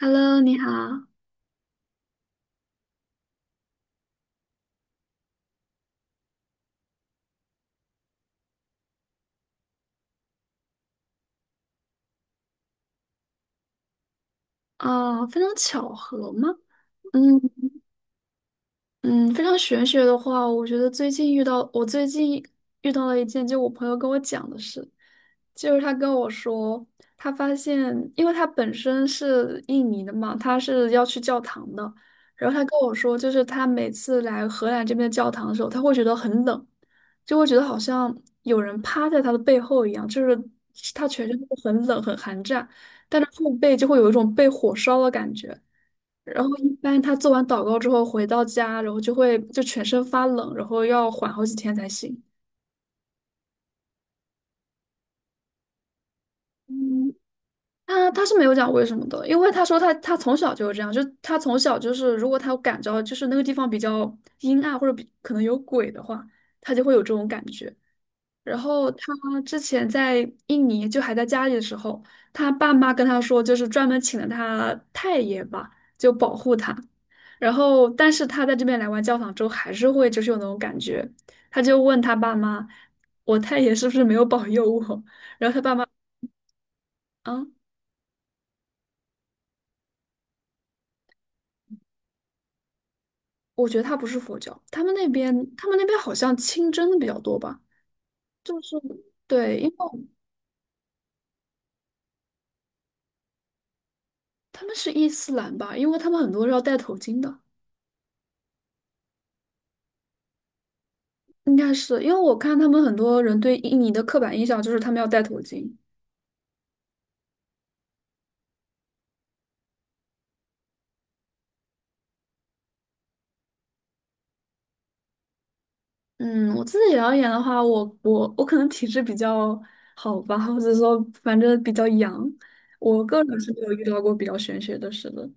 Hello，你好。哦，非常巧合吗？嗯，嗯，非常玄学的话，我最近遇到了一件，就我朋友跟我讲的事，就是他跟我说，他发现，因为他本身是印尼的嘛，他是要去教堂的，然后他跟我说，就是他每次来荷兰这边的教堂的时候，他会觉得很冷，就会觉得好像有人趴在他的背后一样，就是他全身都很冷很寒战，但是后背就会有一种被火烧的感觉。然后一般他做完祷告之后回到家，然后就会就全身发冷，然后要缓好几天才行。嗯，他是没有讲为什么的，因为他说他从小就是这样，就他从小就是如果他感着就是那个地方比较阴暗或者比可能有鬼的话，他就会有这种感觉。然后他之前在印尼就还在家里的时候，他爸妈跟他说，就是专门请了他太爷吧，就保护他。然后，但是他在这边来完教堂之后，还是会就是有那种感觉。他就问他爸妈："我太爷是不是没有保佑我？"然后他爸妈："啊，我觉得他不是佛教，他们那边好像清真的比较多吧，就是对，因为他们是伊斯兰吧，因为他们很多是要戴头巾的。"应该是因为我看他们很多人对印尼的刻板印象就是他们要戴头巾。嗯，我自己而言的话，我可能体质比较好吧，或者说反正比较阳，我个人是没有遇到过比较玄学的事的。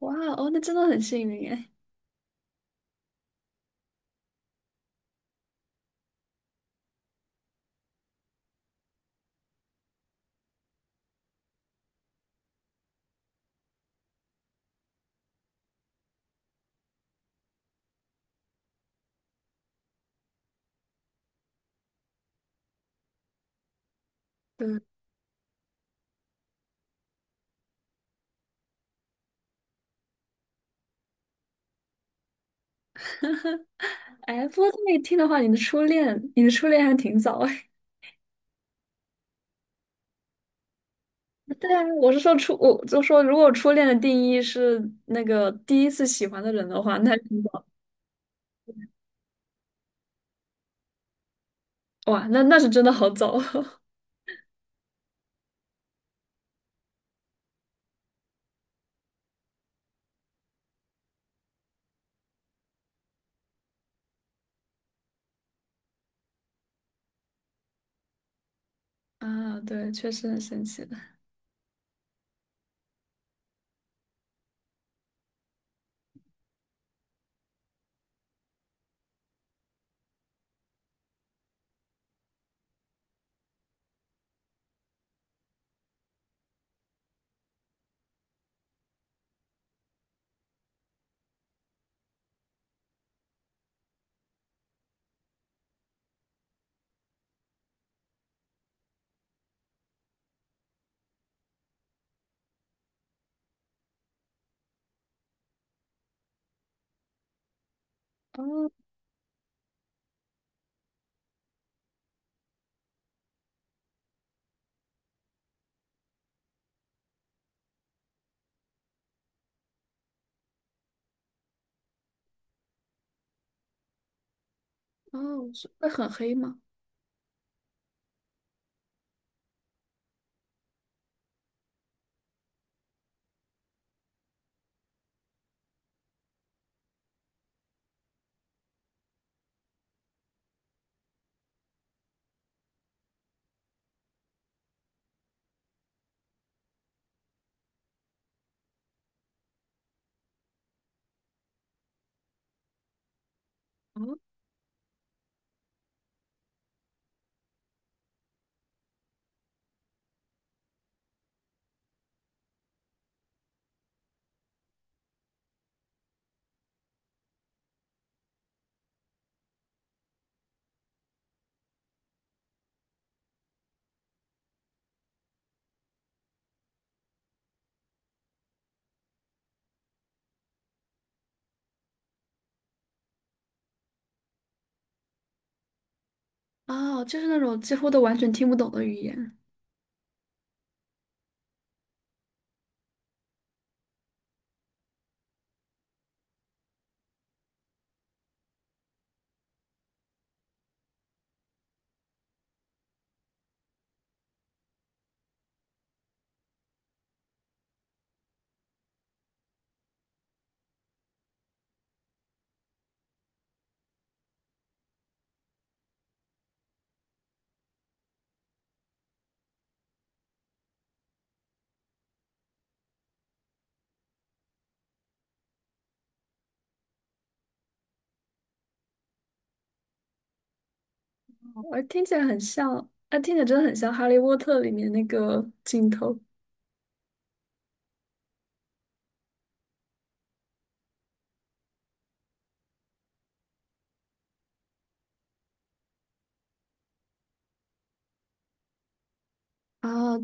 哇哦，那真的很幸运哎。对，哎，不过这么一听的话，你的初恋还挺早哎。对啊，我是说初，我就说如果初恋的定义是那个第一次喜欢的人的话，那挺早。哇，那是真的好早。啊，对，确实很神奇的。哦哦，是会很黑吗？哦，哦,就是那种几乎都完全听不懂的语言。我听起来很像，啊，听起来真的很像《哈利波特》里面那个镜头啊。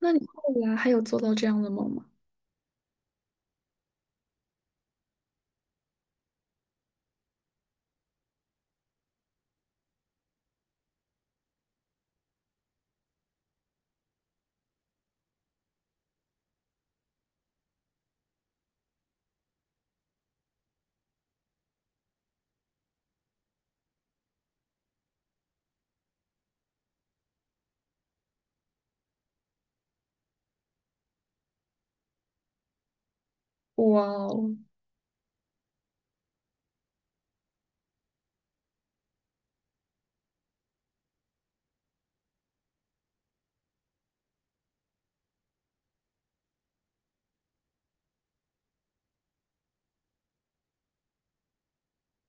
那你后来还有做到这样的梦吗？哇哦，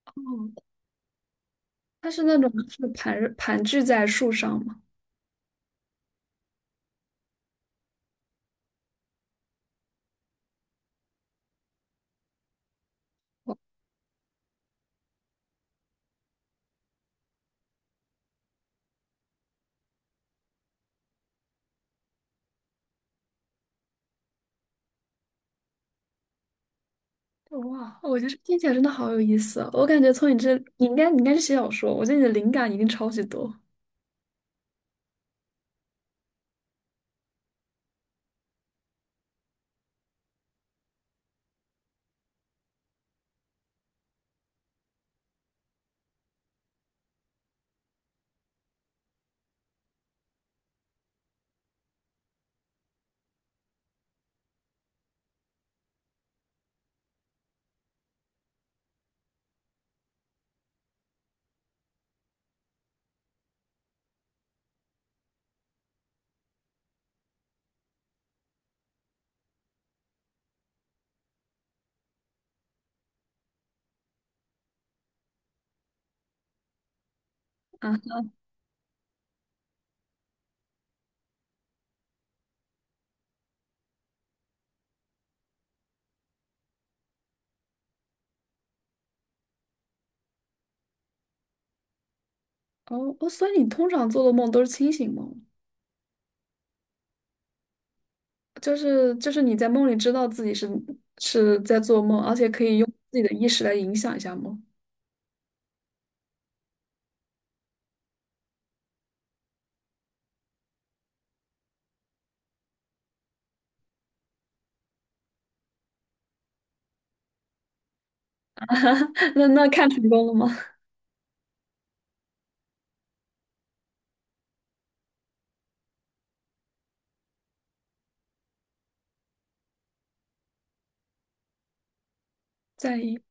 哦，它是那种是盘踞在树上吗？哇，我觉得这听起来真的好有意思啊！我感觉从你这，你应该是写小说，我觉得你的灵感一定超级多啊。哦哦，所以你通常做的梦都是清醒梦，就是你在梦里知道自己是在做梦，而且可以用自己的意识来影响一下梦。那看成功了吗？在意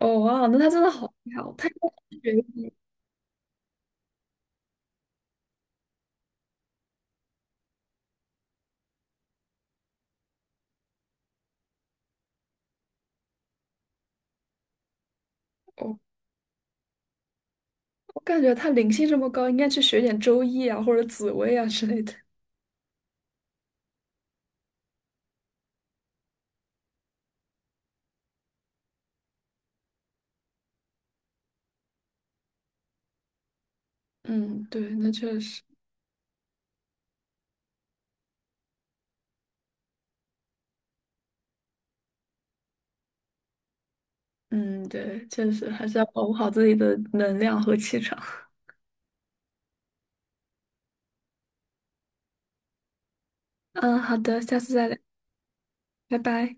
哦哇，那他真的好厉害哦！他应该学医哦，我感觉他灵性这么高，应该去学点周易啊，或者紫薇啊之类的。嗯，对，那确实，嗯，对，确实还是要保护好自己的能量和气场。嗯，好的，下次再聊，拜拜。